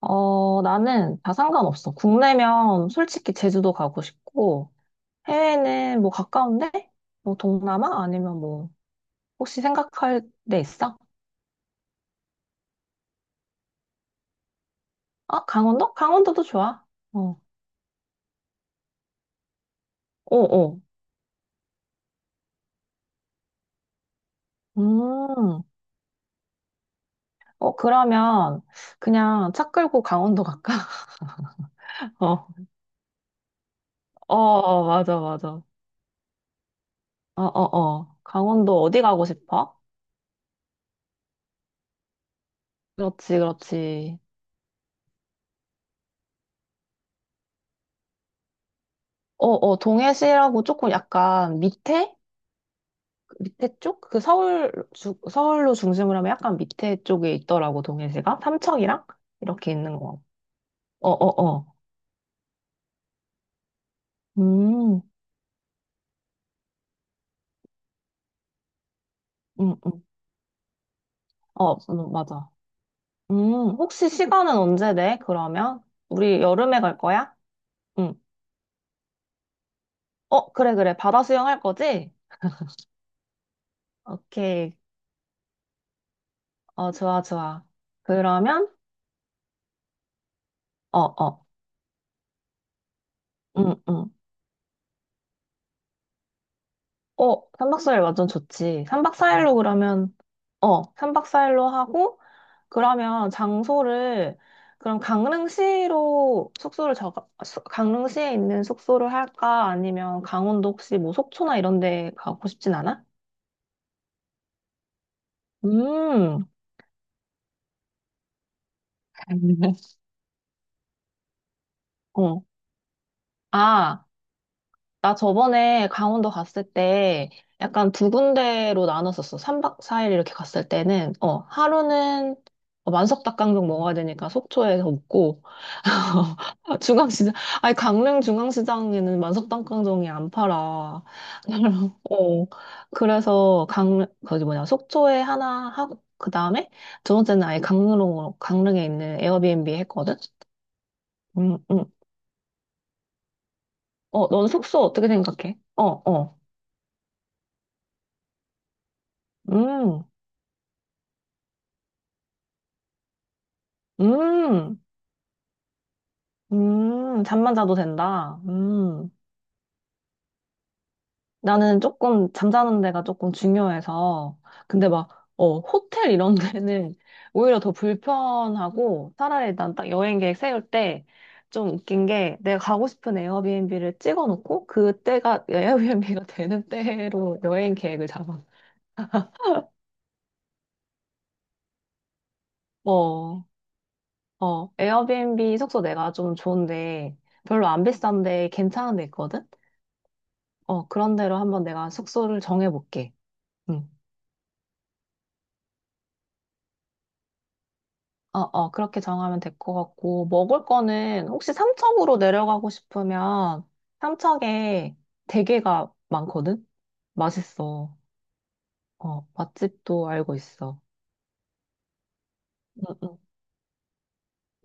어, 나는 다 상관없어. 국내면 솔직히 제주도 가고 싶고, 해외는 뭐 가까운데? 뭐 동남아? 아니면 혹시 생각할 데 있어? 아, 강원도? 강원도도 좋아. 어, 어, 어. 음, 어, 그러면 그냥 차 끌고 강원도 갈까? 어, 어, 어, 맞아, 맞아. 어, 어, 어. 강원도 어디 가고 싶어? 그렇지, 그렇지. 어, 어, 동해시라고 조금 약간 밑에? 밑에 쪽? 그 서울로 중심으로 하면 약간 밑에 쪽에 있더라고, 동해시가. 삼척이랑? 이렇게 있는 거. 어, 어, 어. 음, 음, 음. 어, 맞아. 혹시 시간은 언제 돼, 그러면? 우리 여름에 갈 거야? 응. 어, 그래, 그래. 바다 수영할 거지? 오케이. 어, 좋아, 좋아. 그러면, 어, 어. 응, 응. 어, 3박 4일 완전 좋지. 3박 4일로 그러면, 어, 3박 4일로 하고, 그러면 장소를 그럼 강릉시로 숙소를 저 강릉시에 있는 숙소를 할까? 아니면 강원도 혹시 뭐 속초나 이런 데 가고 싶진 않아? 음. 어. 아, 나 저번에 강원도 갔을 때 약간 두 군데로 나눴었어. 3박 4일 이렇게 갔을 때는, 어, 하루는 만석 닭강정 먹어야 되니까 속초에서 먹고, 중앙시장, 아니, 강릉 중앙시장에는 만석 닭강정이 안 팔아. 어, 그래서 속초에 하나 하고, 그 다음에 두 번째는 아예 강릉에 있는 에어비앤비 했거든? 음, 음. 어, 넌 숙소 어떻게 생각해? 어, 어. 음. 음, 잠만 자도 된다. 나는 조금 잠자는 데가 조금 중요해서. 근데 막, 어, 호텔 이런 데는 오히려 더 불편하고, 차라리 난 딱 여행 계획 세울 때 좀 웃긴 게, 내가 가고 싶은 에어비앤비를 찍어 놓고, 그때가 에어비앤비가 되는 때로 여행 계획을 잡아. 어, 어, 에어비앤비 숙소 내가 좀 좋은데, 별로 안 비싼데 괜찮은 데 있거든? 어, 그런 데로 한번 내가 숙소를 정해볼게. 응. 어, 어, 그렇게 정하면 될 것 같고, 먹을 거는 혹시 삼척으로 내려가고 싶으면 삼척에 대게가 많거든? 맛있어. 어, 맛집도 알고 있어. 응, 응,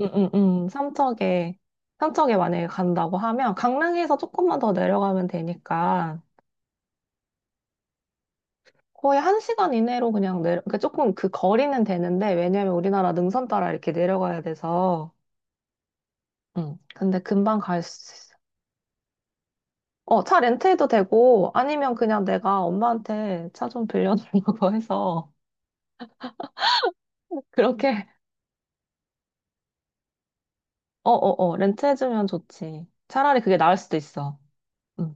응, 응, 응. 삼척에 만약에 간다고 하면 강릉에서 조금만 더 내려가면 되니까 거의 한 시간 이내로 그러니까 조금 그 거리는 되는데, 왜냐면 우리나라 능선 따라 이렇게 내려가야 돼서, 응. 근데 금방 갈 수 있어. 어, 차 렌트해도 되고, 아니면 그냥 내가 엄마한테 차 좀 빌려달라고 해서, 그렇게, 어, 어, 어, 렌트해주면 좋지. 차라리 그게 나을 수도 있어. 응,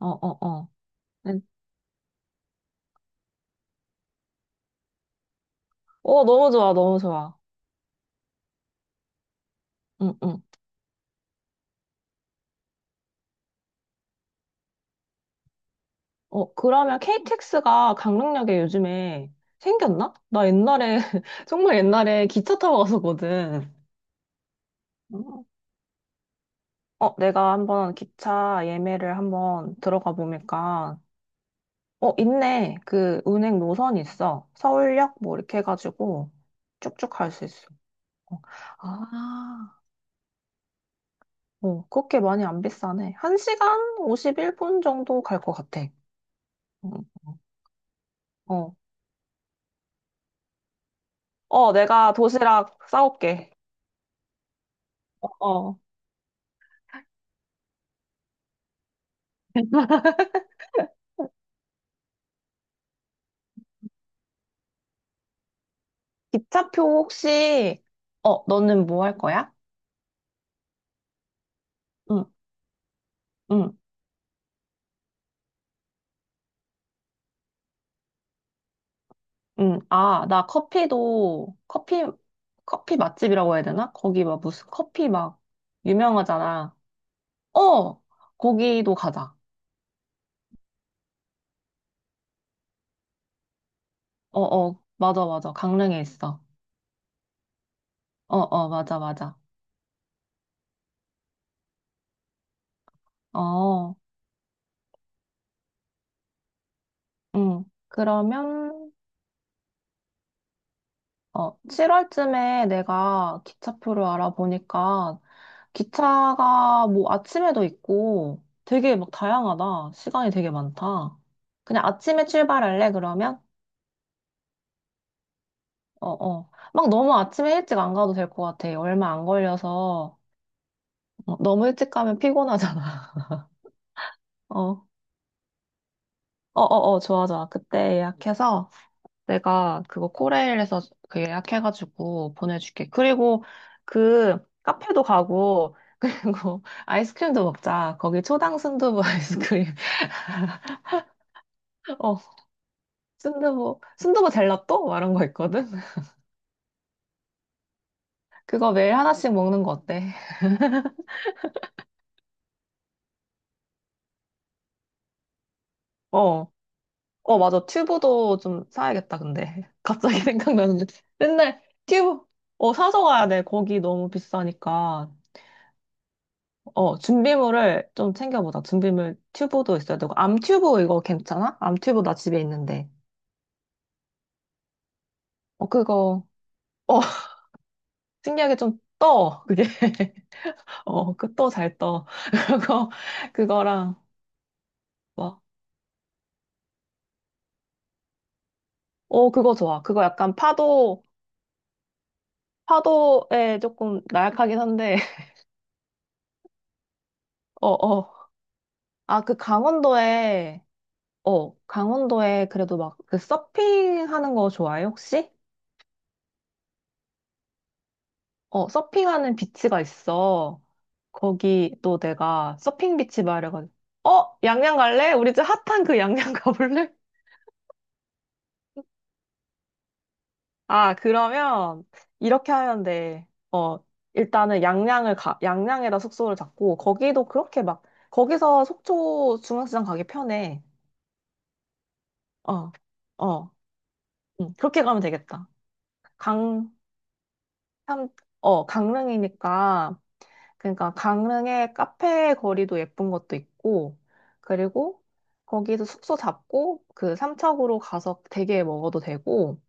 어, 어, 어. 렌- 어, 너무 좋아, 너무 좋아. 응, 응. 어, 그러면 KTX가 강릉역에 요즘에 생겼나? 나 옛날에, 정말 옛날에 기차 타고 갔었거든. 어, 내가 한번 기차 예매를 한번 들어가 보니까, 어, 있네. 그 은행 노선 있어. 서울역 뭐 이렇게 해가지고 쭉쭉 갈 수 있어. 어. 아, 어, 그렇게 많이 안 비싸네. 1시간 51분 정도 갈 것 같아. 음, 어, 어, 내가 도시락 싸올게. 어, 어. 기차표 혹시, 어, 너는 뭐 할 거야? 응, 응, 응. 아, 커피 맛집이라고 해야 되나? 거기 막 무슨 커피 막 유명하잖아. 어, 거기도 가자. 어, 어, 맞아, 맞아. 강릉에 있어. 어, 어, 맞아, 맞아. 어, 응. 그러면, 어, 7월쯤에 내가 기차표를 알아보니까 기차가 뭐 아침에도 있고 되게 막 다양하다. 시간이 되게 많다. 그냥 아침에 출발할래, 그러면? 어, 어. 막 너무 아침에 일찍 안 가도 될 것 같아. 얼마 안 걸려서. 어, 너무 일찍 가면 피곤하잖아. 어, 어, 어, 어, 좋아, 좋아. 그때 예약해서 내가 그거 코레일에서 그 예약해가지고 보내줄게. 그리고 그 카페도 가고, 그리고 아이스크림도 먹자. 거기 초당 순두부 아이스크림. 어, 순두부 젤라또? 막 이런 거 있거든? 그거 매일 하나씩 먹는 거 어때? 어, 어, 맞아. 튜브도 좀 사야겠다, 근데. 갑자기 생각나는데. 맨날 튜브, 어, 사서 가야 돼. 거기 너무 비싸니까. 어, 준비물을 좀 챙겨보자. 준비물 튜브도 있어야 되고. 암 튜브 이거 괜찮아? 암 튜브 나 집에 있는데. 어, 그거, 어, 신기하게 좀 떠. 그게. 어, 그 떠 잘 떠. 그거, 그거랑, 뭐. 어, 그거 좋아. 파도에 조금 나약하긴 한데. 어, 어. 아, 그 강원도에, 어, 강원도에 그래도 막 그 서핑 하는 거 좋아해, 혹시? 어, 서핑하는 비치가 있어. 거기 또 내가 서핑 비치 말해가지고, 어, 양양 갈래? 우리 집 핫한 그 양양 가볼래? 아, 그러면 이렇게 하면 돼. 어, 일단은 양양에다 숙소를 잡고, 거기서 속초 중앙시장 가기 편해. 어, 어, 응, 그렇게 가면 되겠다. 강, 참, 어, 강릉이니까, 그러니까 강릉의 카페 거리도 예쁜 것도 있고, 그리고 거기서 숙소 잡고 그 삼척으로 가서 대게 먹어도 되고,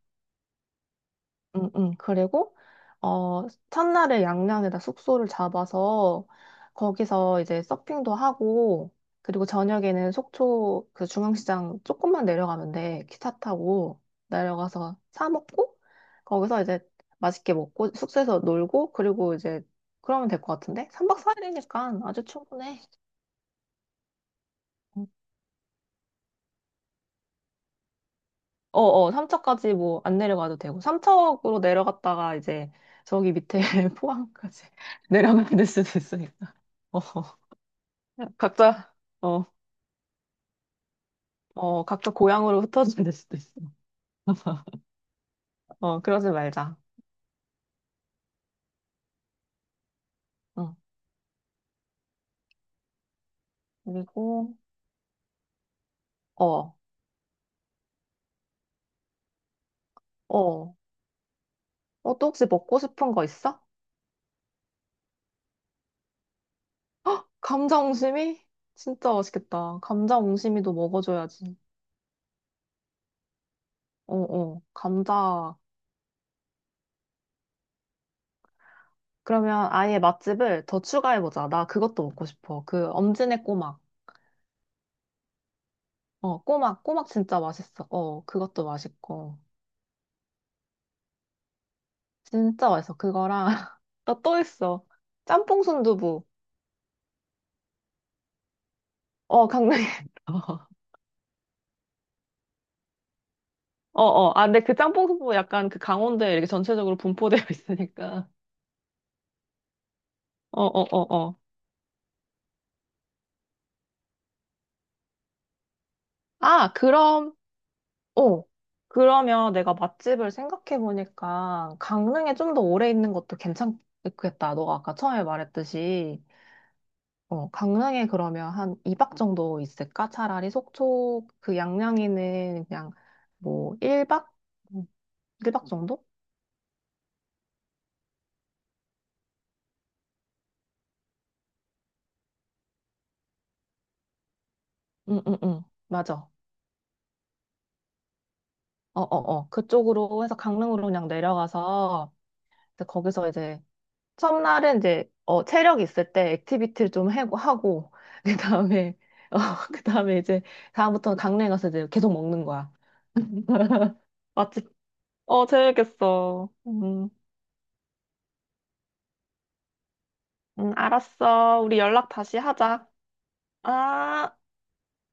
그리고 어 첫날에 양양에다 숙소를 잡아서 거기서 이제 서핑도 하고 그리고 저녁에는 속초 그 중앙시장 조금만 내려가면 돼. 기차 타고 내려가서 사 먹고 거기서 이제 맛있게 먹고 숙소에서 놀고 그리고 이제 그러면 될 것 같은데? 3박 4일이니까 아주 충분해. 어어, 3척까지 뭐 안 내려가도 되고, 3으로 내려갔다가 이제 저기 밑에 포항까지 내려가야 될 수도 있으니까. 어, 어. 각자, 어, 어, 각자 고향으로 흩어져야 될 수도 있어. 어, 그러지 말자. 어, 그리고, 어, 어, 어, 또 혹시 먹고 싶은 거 있어? 감자 옹심이? 진짜 맛있겠다. 감자 옹심이도 먹어줘야지. 어, 어, 감자. 그러면 아예 맛집을 더 추가해보자. 나 그것도 먹고 싶어. 그 엄지네 꼬막. 어, 꼬막, 꼬막 진짜 맛있어. 어, 그것도 맛있고. 진짜 맛있어. 그거랑, 나 또 있어. 짬뽕 순두부. 어, 강릉에. 있어. 어, 어. 아, 근데 그 짬뽕 순두부 약간 그 강원도에 이렇게 전체적으로 분포되어 있으니까. 어, 어, 어, 어. 아, 그럼, 어. 그러면 내가 맛집을 생각해보니까 강릉에 좀 더 오래 있는 것도 괜찮겠다. 너가 아까 처음에 말했듯이. 어, 강릉에 그러면 한 2박 정도 있을까? 차라리 속초 그 양양에는 그냥 뭐 1박? 1박 정도? 응, 응, 응. 맞아. 어, 어, 어. 그쪽으로 해서 강릉으로 그냥 내려가서 이제 거기서 이제 첫날은 이제 어, 체력 있을 때 액티비티를 좀 해고 하고 그다음에 어, 그다음에 이제 다음부터는 강릉에 가서 이제 계속 먹는 거야. 맛집. 어, 재밌겠어. 음. 알았어. 우리 연락 다시 하자. 아.